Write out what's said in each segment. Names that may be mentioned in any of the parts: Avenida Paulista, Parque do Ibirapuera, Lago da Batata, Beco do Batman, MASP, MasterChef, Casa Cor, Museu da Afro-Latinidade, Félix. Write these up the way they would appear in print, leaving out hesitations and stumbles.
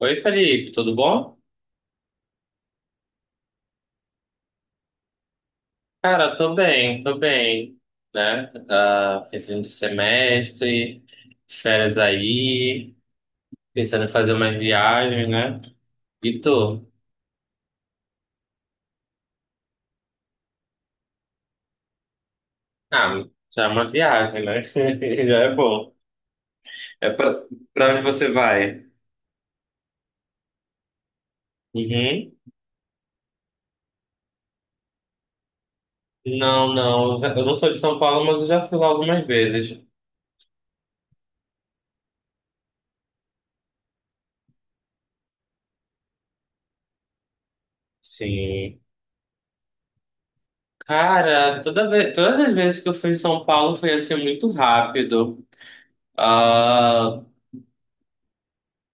Oi, Felipe, tudo bom? Cara, tô bem, Né? Ah, finzinho de semestre, férias aí, pensando em fazer umas viagens, né? E tu? Ah, já é uma viagem, né? Já é bom. É pra onde você vai? Uhum. Não, eu não sou de São Paulo, mas eu já fui lá algumas vezes. Sim. Cara, todas as vezes que eu fui em São Paulo foi assim muito rápido. Ah,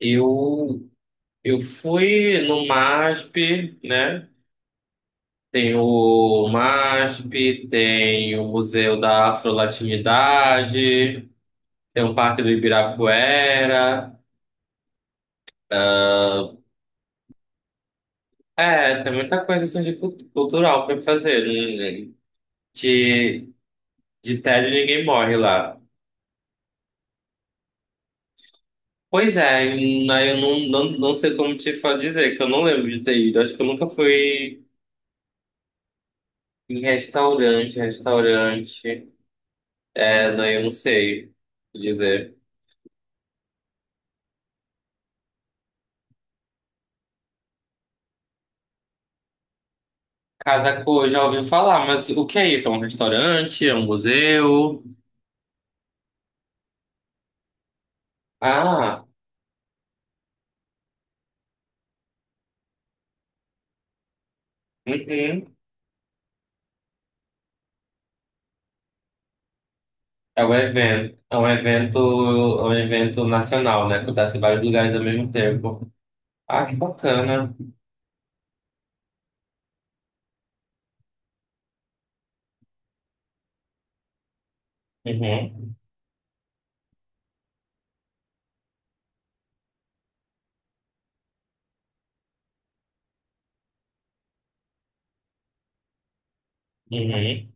eu Eu fui no MASP, né? Tem o MASP, tem o Museu da Afro-Latinidade, tem o Parque do Ibirapuera. É, tem muita coisa assim de cultural para fazer, né? De, de tédio ninguém morre lá. Pois é, eu não sei como dizer, que eu não lembro de ter ido. Acho que eu nunca fui em restaurante, restaurante. É, não, eu não sei dizer. Casa Cor, já ouvi falar, mas o que é isso? É um restaurante? É um museu? Ah, uhum. É um evento, é um evento nacional, né? Acontece em vários lugares ao mesmo tempo. Ah, que bacana. Uhum, uhum.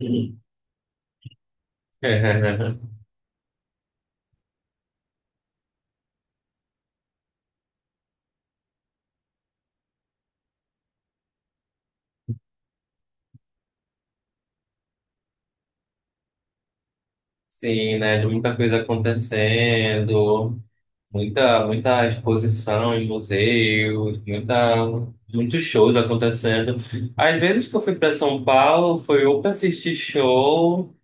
Uhum. Sim, né? De muita coisa acontecendo, muita exposição em museus, muita, muitos shows acontecendo. Às vezes que eu fui para São Paulo, foi ou para assistir show.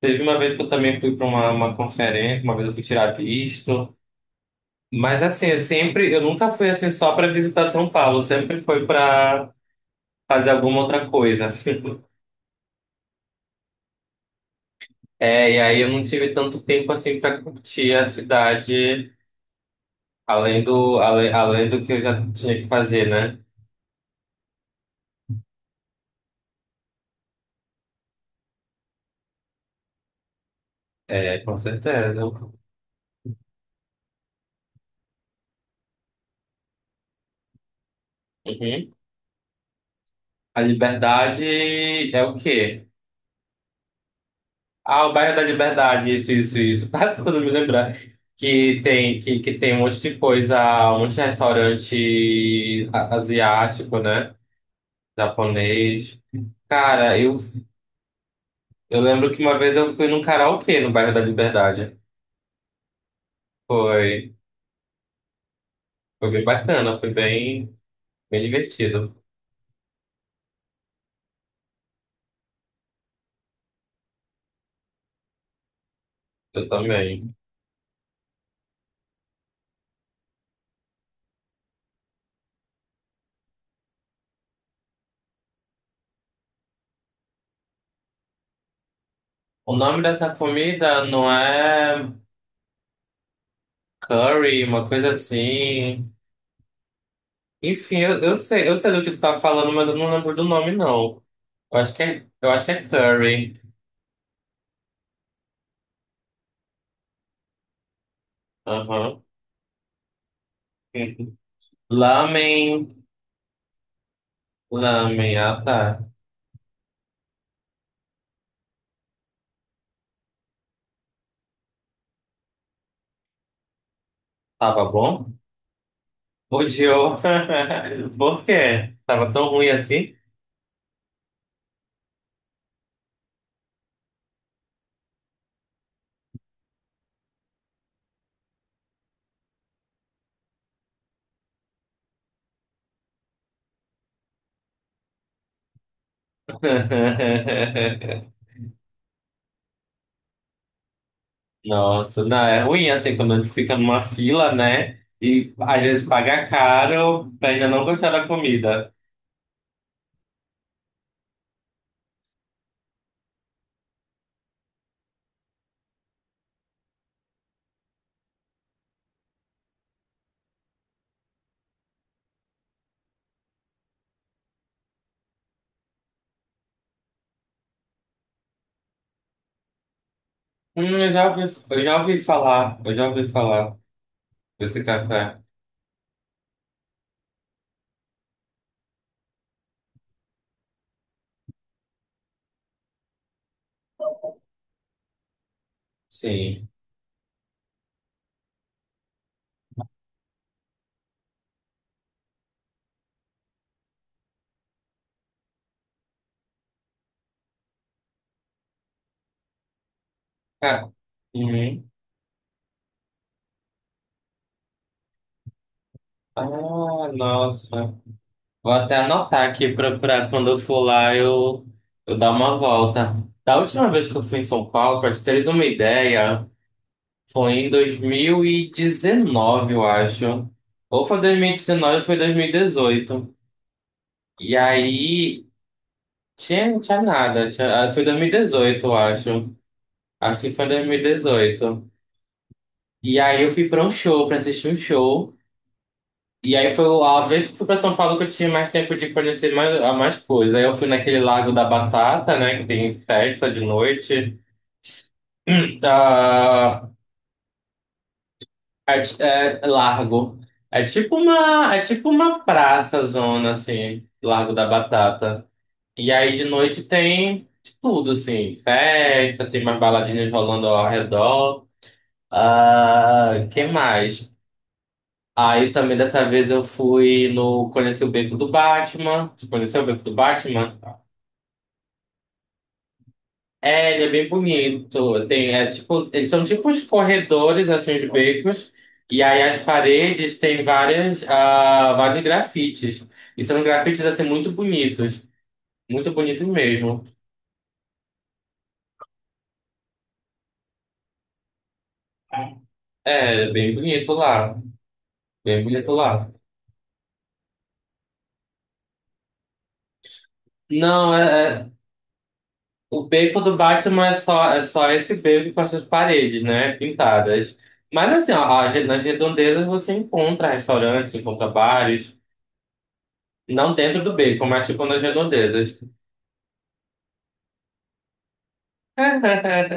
Teve uma vez que eu também fui para uma conferência, uma vez eu fui tirar visto. Mas assim, eu nunca fui assim só para visitar São Paulo, eu sempre foi para fazer alguma outra coisa. É, e aí eu não tive tanto tempo assim para curtir a cidade, além do que eu já tinha que fazer, né? É, com certeza. Uhum. A liberdade é o quê? Ah, o bairro da Liberdade, isso, isso, isso. Tá tentando me lembrar que tem, que tem um monte de coisa, um monte de restaurante asiático, né? Japonês. Cara, eu lembro que uma vez eu fui num karaokê no bairro da Liberdade. Foi, foi bem bacana, foi bem, bem divertido. Eu também. O nome dessa comida não é curry, uma coisa assim. Enfim, eu sei do que tu tá falando, mas eu não lembro do nome, não. Eu acho que é, eu acho que é curry. Aham. Lamen, lamen, ah tá. Tava bom? Odiou. Por quê? Tava tão ruim assim? Nossa, não, é ruim assim quando a gente fica numa fila, né? E às vezes paga caro pra ainda não gostar da comida. Hum, eu já ouvi, eu já ouvi falar desse café. Sim. Ca- Uhum. Ah, nossa. Vou até anotar aqui pra quando eu for lá eu dar uma volta. Da última vez que eu fui em São Paulo, pra te teres uma ideia, foi em 2019, eu acho. Ou foi 2019 ou foi 2018 e aí tinha, não tinha nada. Tinha, ah, foi 2018 eu acho. Acho que foi 2018. E dezoito. E aí eu fui pra um show, pra assistir um show. E aí foi a vez que eu fui pra São Paulo que eu tinha mais tempo de conhecer mais, a mais coisas. Aí eu fui naquele Lago da Batata, né? Que tem festa de noite. Ah, é, é largo. É tipo uma praça zona, assim, Lago da Batata. E aí de noite tem de tudo, assim, festa, tem umas baladinhas rolando ao redor. Ah, que mais? Aí também dessa vez eu fui no. Conheci o Beco do Batman. Tu conheceu o Beco do Batman? É, ele é bem bonito. Tem, é, tipo, eles são tipo os corredores, assim, os becos. E aí as paredes têm várias, ah, vários grafites. E são grafites, assim, muito bonitos. Muito bonitos mesmo. É, bem bonito lá. Bem bonito lá. Não, é- o beco do Batman é só esse beco com as suas paredes, né? Pintadas. Mas assim, ó, nas redondezas você encontra restaurantes, encontra bares. Não dentro do beco, mas tipo nas redondezas. É,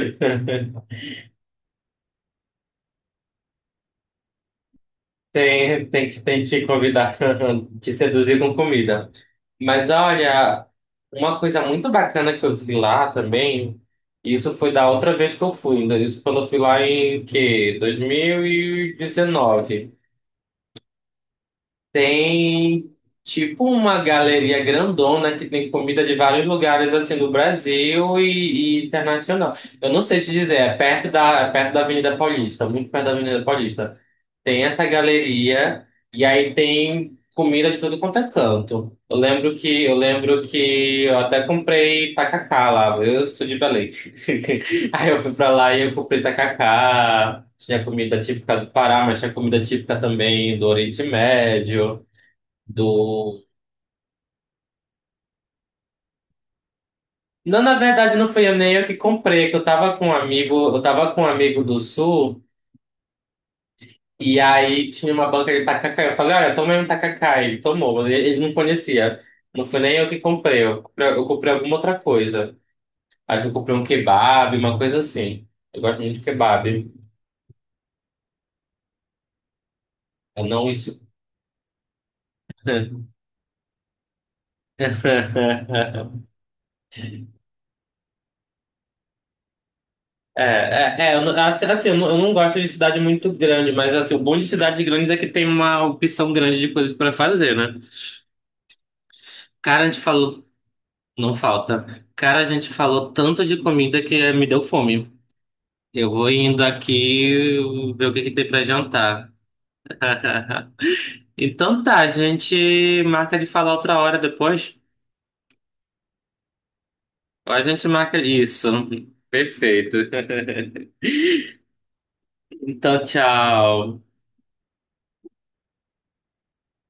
Tem, tem que te convidar, te seduzir com comida. Mas olha, uma coisa muito bacana que eu vi lá também, isso foi da outra vez que eu fui, ainda- isso quando eu fui lá em que? 2019. Tem tipo uma galeria grandona que tem comida de vários lugares assim do Brasil e internacional. Eu não sei te dizer, é perto da Avenida Paulista, muito perto da Avenida Paulista. Tem essa galeria e aí tem comida de tudo quanto é canto. Eu lembro que eu até comprei tacacá lá. Eu sou de Belém. Aí eu fui pra lá e eu comprei tacacá, tinha comida típica do Pará, mas tinha comida típica também do Oriente Médio, do... Não, na verdade não foi eu nem eu que comprei, é que eu tava com um amigo, eu tava com um amigo do Sul, e aí tinha uma banca de tacacá, eu falei, olha, tomei um tacacá, ele tomou, mas ele não conhecia. Não foi nem eu que comprei, eu comprei alguma outra coisa. Acho que eu comprei um kebab, uma coisa assim. Eu gosto muito de kebab. Eu não... é, eu não- assim, assim, eu não gosto de cidade muito grande, mas assim, o bom de cidades grandes é que tem uma opção grande de coisas pra fazer, né? Cara, a gente falou, não falta. Cara, a gente falou tanto de comida que me deu fome. Eu vou indo aqui ver o que que tem pra jantar. Então tá, a gente marca de falar outra hora depois. Ou a gente marca isso. Perfeito. Então, tchau.